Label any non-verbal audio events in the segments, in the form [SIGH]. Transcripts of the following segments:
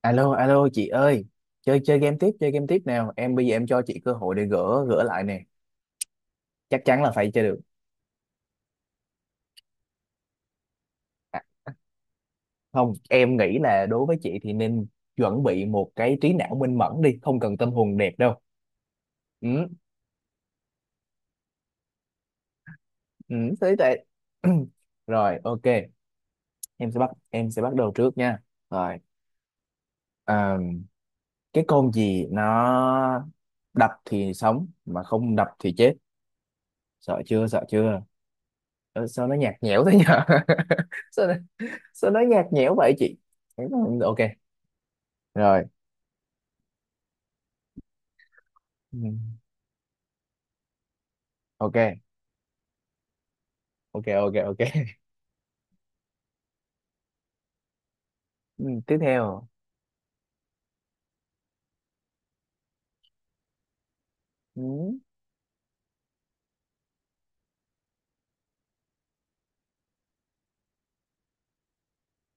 Alo, alo chị ơi, chơi chơi game tiếp nào. Bây giờ em cho chị cơ hội để gỡ gỡ lại nè. Chắc chắn là phải chơi được. Không, em nghĩ là đối với chị thì nên chuẩn bị một cái trí não minh mẫn đi, không cần tâm hồn đẹp đâu. Ừ, ừ, thế tệ. [CLEARS THROAT] Rồi, ok. Em sẽ bắt đầu trước nha. Rồi, à, cái con gì nó đập thì sống mà không đập thì chết. Sợ chưa, sợ chưa? Ờ, sao nó nhạt nhẽo thế nhở? [LAUGHS] Sao sao nói nhạt nhẽo vậy chị? Ừ, ok rồi. Ừ, ok, ok, ok, ok. Ừ, tiếp theo. ừ,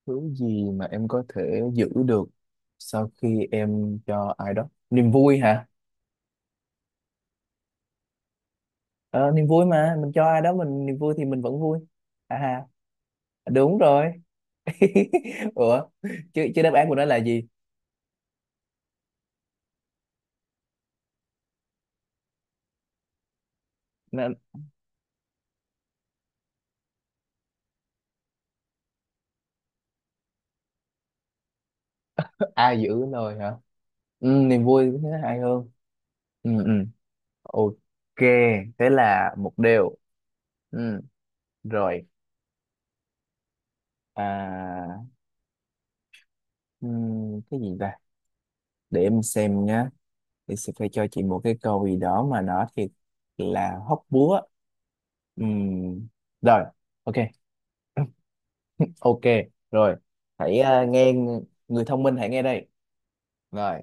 Thứ gì mà em có thể giữ được sau khi em cho ai đó niềm vui hả? Ờ, niềm vui mà mình cho ai đó mình niềm vui thì mình vẫn vui. À ha, đúng rồi. [LAUGHS] Ủa, chứ chứ đáp án của nó là gì? Nó- ai giữ nồi hả? Ừ, niềm vui thế hay hơn. Ừ, ừ. Ok, thế là một điều. Ừ, rồi. à cái gì ta? Để em xem nhá. Thì sẽ phải cho chị một cái câu gì đó mà nó thiệt là hóc búa. Ừm, Rồi, ok. [LAUGHS] Ok, rồi. Hãy nghe, người thông minh hãy nghe đây. Rồi,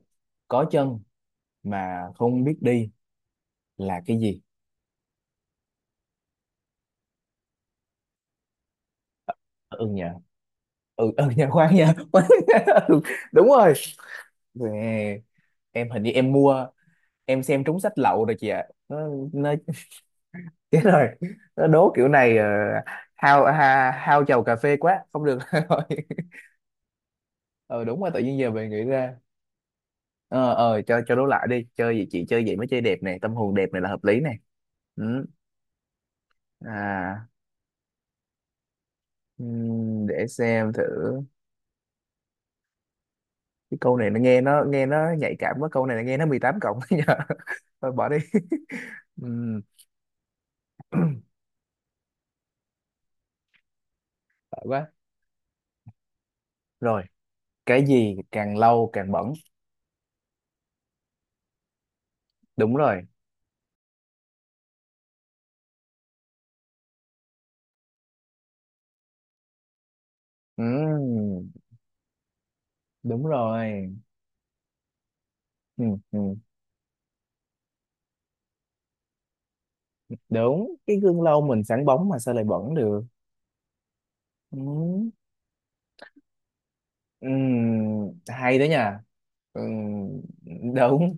có chân mà không biết đi là cái gì? Ừ nhờ, ừ nhờ, khoan nhờ. [LAUGHS] Khoan. Nhờ. Ừ, đúng rồi. Nè, em hình như mua, em xem trúng sách lậu rồi chị ạ, nó [LAUGHS] chết rồi, nó đố kiểu này. Ờ, hao chầu cà phê quá không được rồi. [LAUGHS] Ờ đúng rồi, tự nhiên giờ mình nghĩ ra. Ờ cho đố lại đi, chơi gì chị, chơi gì mới chơi đẹp này, tâm hồn đẹp này là hợp lý này. Ừ. À, để xem thử. Cái câu này nó nghe nó nhạy cảm quá, câu này là nghe nó 18+. [LAUGHS] Nhờ, thôi bỏ đi. [LAUGHS] Ừm, Sợ quá. Rồi, cái gì càng lâu càng bẩn? Đúng rồi. Ừm, Đúng rồi. Ừm, ừm. Đúng, cái gương lâu mình sáng bóng mà sao lại bẩn được? Ừ. Ừ. Hay đó nha. Ừ. Đúng,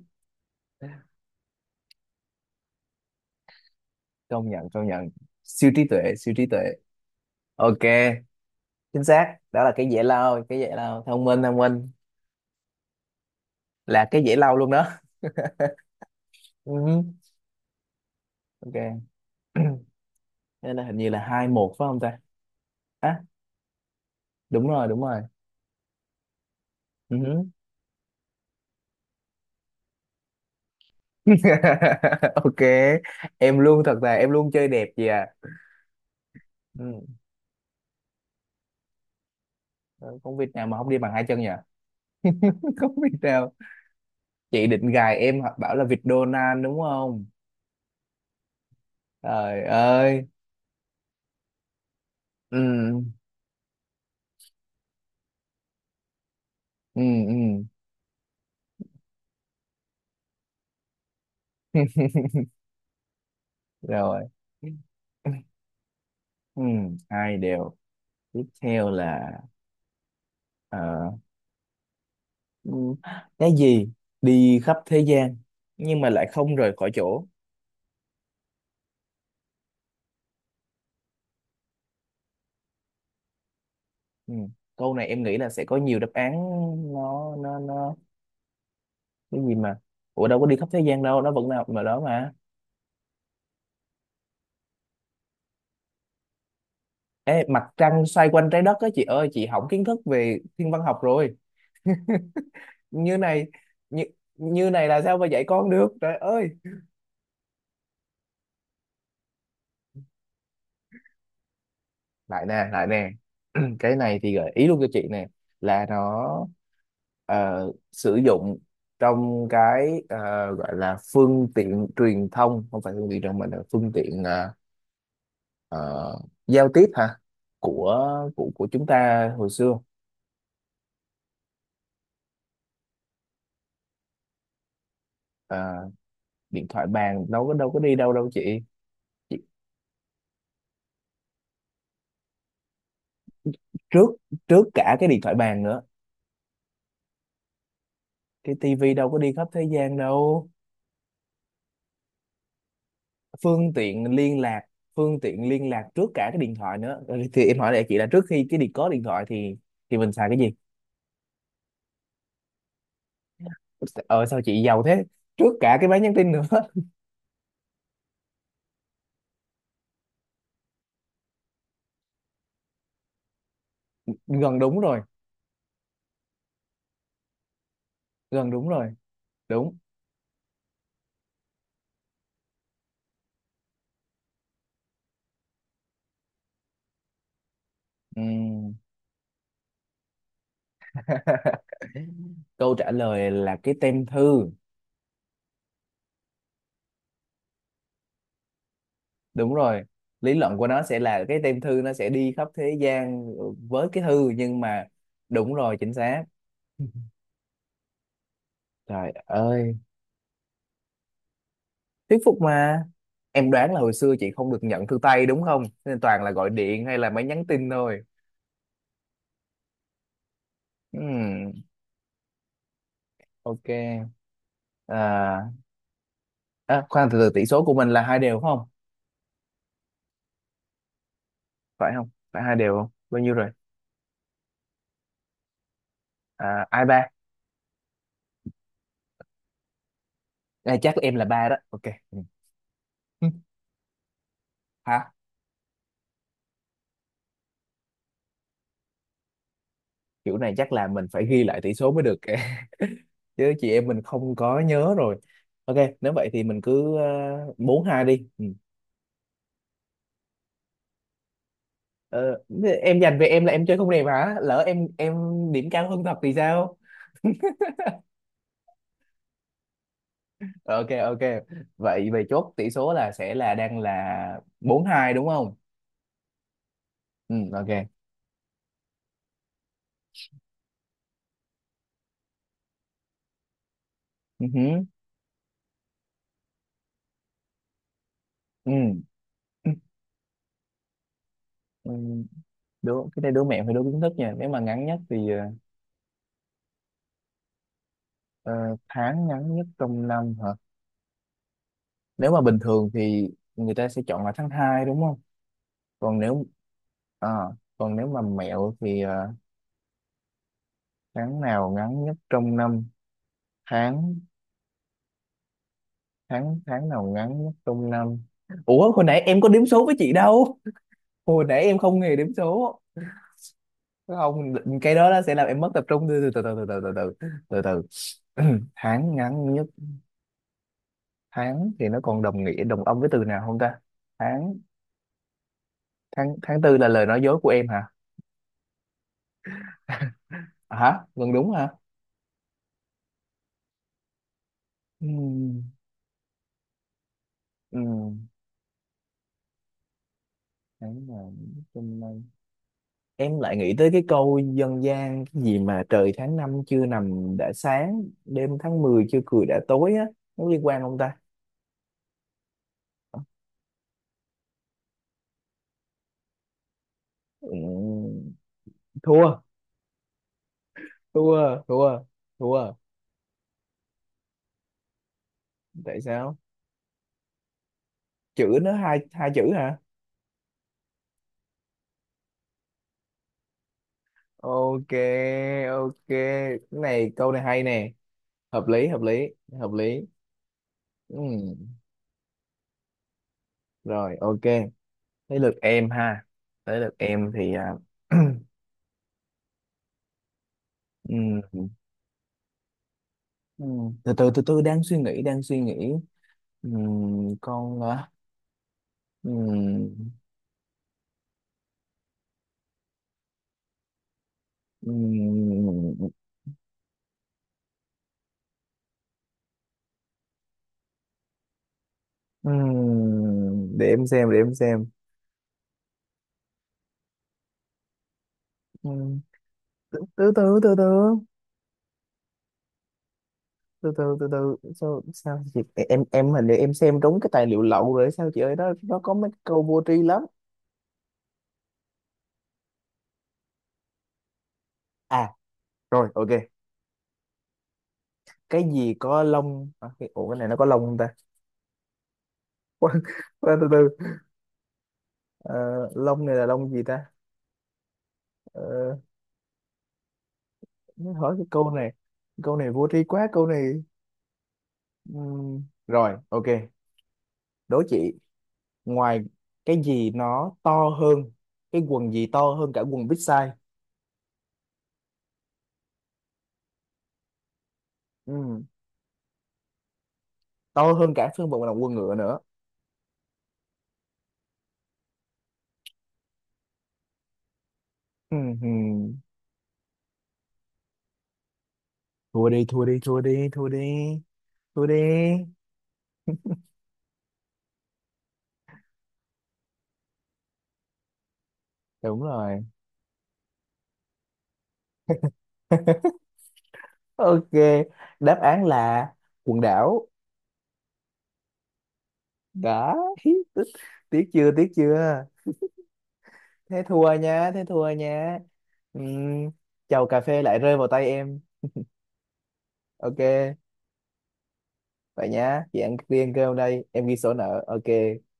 công nhận, công nhận, siêu trí tuệ, siêu trí tuệ. Ok, chính xác, đó là cái dễ lau, cái dễ lau, thông minh, thông minh. Là cái dễ lau luôn đó. Ừ. Ok. [CLEARS THROAT] Đây là hình như là 2-1 phải không ta? À, đúng rồi, đúng rồi. Ừ. [LAUGHS] Ok, em luôn thật, là em luôn chơi đẹp gì à. Ừ. Không Việt nào mà không đi bằng hai chân nhỉ? [LAUGHS] Không Việt nào. Chị định gài em hoặc bảo là vịt Donald đúng không? Trời ơi. ừ ừ ừ [LAUGHS] Rồi. Ừ, 2-2. Tiếp theo là ờ, ừ, cái gì đi khắp thế gian nhưng mà lại không rời khỏi chỗ? Ừ. Câu này em nghĩ là sẽ có nhiều đáp án. Nó cái gì mà, ủa đâu có đi khắp thế gian đâu, nó vẫn là mà đó mà. Ê, mặt trăng xoay quanh trái đất á chị ơi, chị hỏng kiến thức về thiên văn học rồi. Như này, như, như này là sao mà dạy con được trời ơi. Lại nè, lại nè. [CLEARS THROAT] Cái này thì gợi ý luôn cho chị nè, là nó ờ, sử dụng trong cái ờ, gọi là phương tiện truyền thông, không phải phương tiện truyền thông mà là phương tiện ờ, giao tiếp hả, của của của chúng ta hồi xưa. Ờ, điện thoại bàn đâu có, đâu có đi đâu đâu chị, trước, trước cả cái điện thoại bàn nữa. Cái tivi đâu có đi khắp thế gian đâu. Phương tiện liên lạc, phương tiện liên lạc trước cả cái điện thoại nữa. Ừ, thì em hỏi lại chị là trước khi cái điện có điện thoại thì mình xài cái gì? Ờ sao chị giàu thế, trước cả cái máy nhắn tin nữa. [LAUGHS] Gần đúng rồi, gần đúng rồi, đúng. Ừm. [LAUGHS] Câu trả lời là cái tem thư. Đúng rồi, lý luận của nó sẽ là cái tem thư nó sẽ đi khắp thế gian với cái thư nhưng mà, đúng rồi, chính xác. Trời ơi. Thuyết phục mà. Em đoán là hồi xưa chị không được nhận thư tay đúng không, nên toàn là gọi điện hay là máy nhắn tin thôi. Ừm, ok. à, À, khoan từ từ, tỷ số của mình là hai đều không? Phải không, phải hai đều không, bao nhiêu rồi? À, ai ba? À, chắc em là ba đó. Ok. Ừ. Hứ, [LAUGHS] hả. Kiểu này chắc là mình phải ghi lại tỷ số mới được kìa. [LAUGHS] Chứ chị em mình không có nhớ rồi. Ok nếu vậy thì mình cứ 4-2 đi. Ừ. Ờ, thế em dành về em là em chơi không đẹp hả, lỡ em điểm cao hơn thật thì sao? Ok, ok, vậy về chốt tỷ số là sẽ là đang là 4-2 đúng không? Ừ ok. Ừ hứ, ừ ừ, ừ. Đố cái này đố mẹo hay đố kiến thức nha, nếu mà ngắn nhất thì ờ, ờ, tháng ngắn nhất trong năm hả? Nếu mà bình thường thì người ta sẽ chọn là tháng 2 đúng không? Còn nếu à, còn nếu mà mẹo thì ờ, tháng nào ngắn nhất trong năm? Tháng tháng Tháng nào ngắn nhất trong năm? Ủa, hồi nãy em có đếm số với chị đâu, hồi nãy em không hề đếm số. Không, cái đó, đó sẽ làm em mất tập trung, từ từ từ từ từ từ từ từ từ từ. [CLEARS THROAT] Tháng ngắn nhất, tháng thì nó còn đồng nghĩa đồng âm với từ nào không ta? Tháng tháng Tháng tư là lời nói dối của em hả? [LAUGHS] À, hả, gần đúng hả? Ừm, ừm, tháng nào trong năm. Em lại nghĩ tới cái câu dân gian cái gì mà "trời tháng năm chưa nằm đã sáng, đêm tháng 10 chưa cười đã tối" á, nó liên quan không ta? Ừm, thua, thua, thua, thua. Tại sao? Chữ nữa, hai, hai chữ hả? Ok, ok, cái này câu này hay nè. Hợp lý, hợp lý, hợp lý. Ừm, rồi ok, tới lượt em ha. Tới lượt em thì à, [CLEARS THROAT] ừm, từ từ từ từ, đang suy nghĩ, đang suy nghĩ. Con à, ừm, ừm, để em xem, để em xem. Ừm, từ từ từ từ từ. Từ từ từ từ Sao sao chị, em hình như em xem trúng cái tài liệu lậu rồi sao chị ơi, nó có mấy câu vô tri lắm. À, rồi ok, cái gì có lông à, cái, ủa cái này nó có lông không ta? [LAUGHS] Khoan, khoan, từ từ. Ờ, lông này là lông gì ta? Ờ, nó hỏi cái câu này, câu này vô tri quá câu này. Rồi ok, đố chị. Ngoài, cái gì nó to hơn, cái quần gì to hơn cả quần big size? Ừm, to hơn cả phân bò là quần ngựa nữa. Ừm, thua đi, thua đi, thua đi, thua đi, thua đi, đúng rồi. [LAUGHS] Ok, đáp án là quần đảo. Đó. [LAUGHS] Tiếc chưa, tiếc chưa? Thế thua nha, thế thua nha. Ừm, chầu cà phê lại rơi vào tay em. Ok vậy nhá, chị ăn riêng cơm đây, em ghi sổ nợ, ok.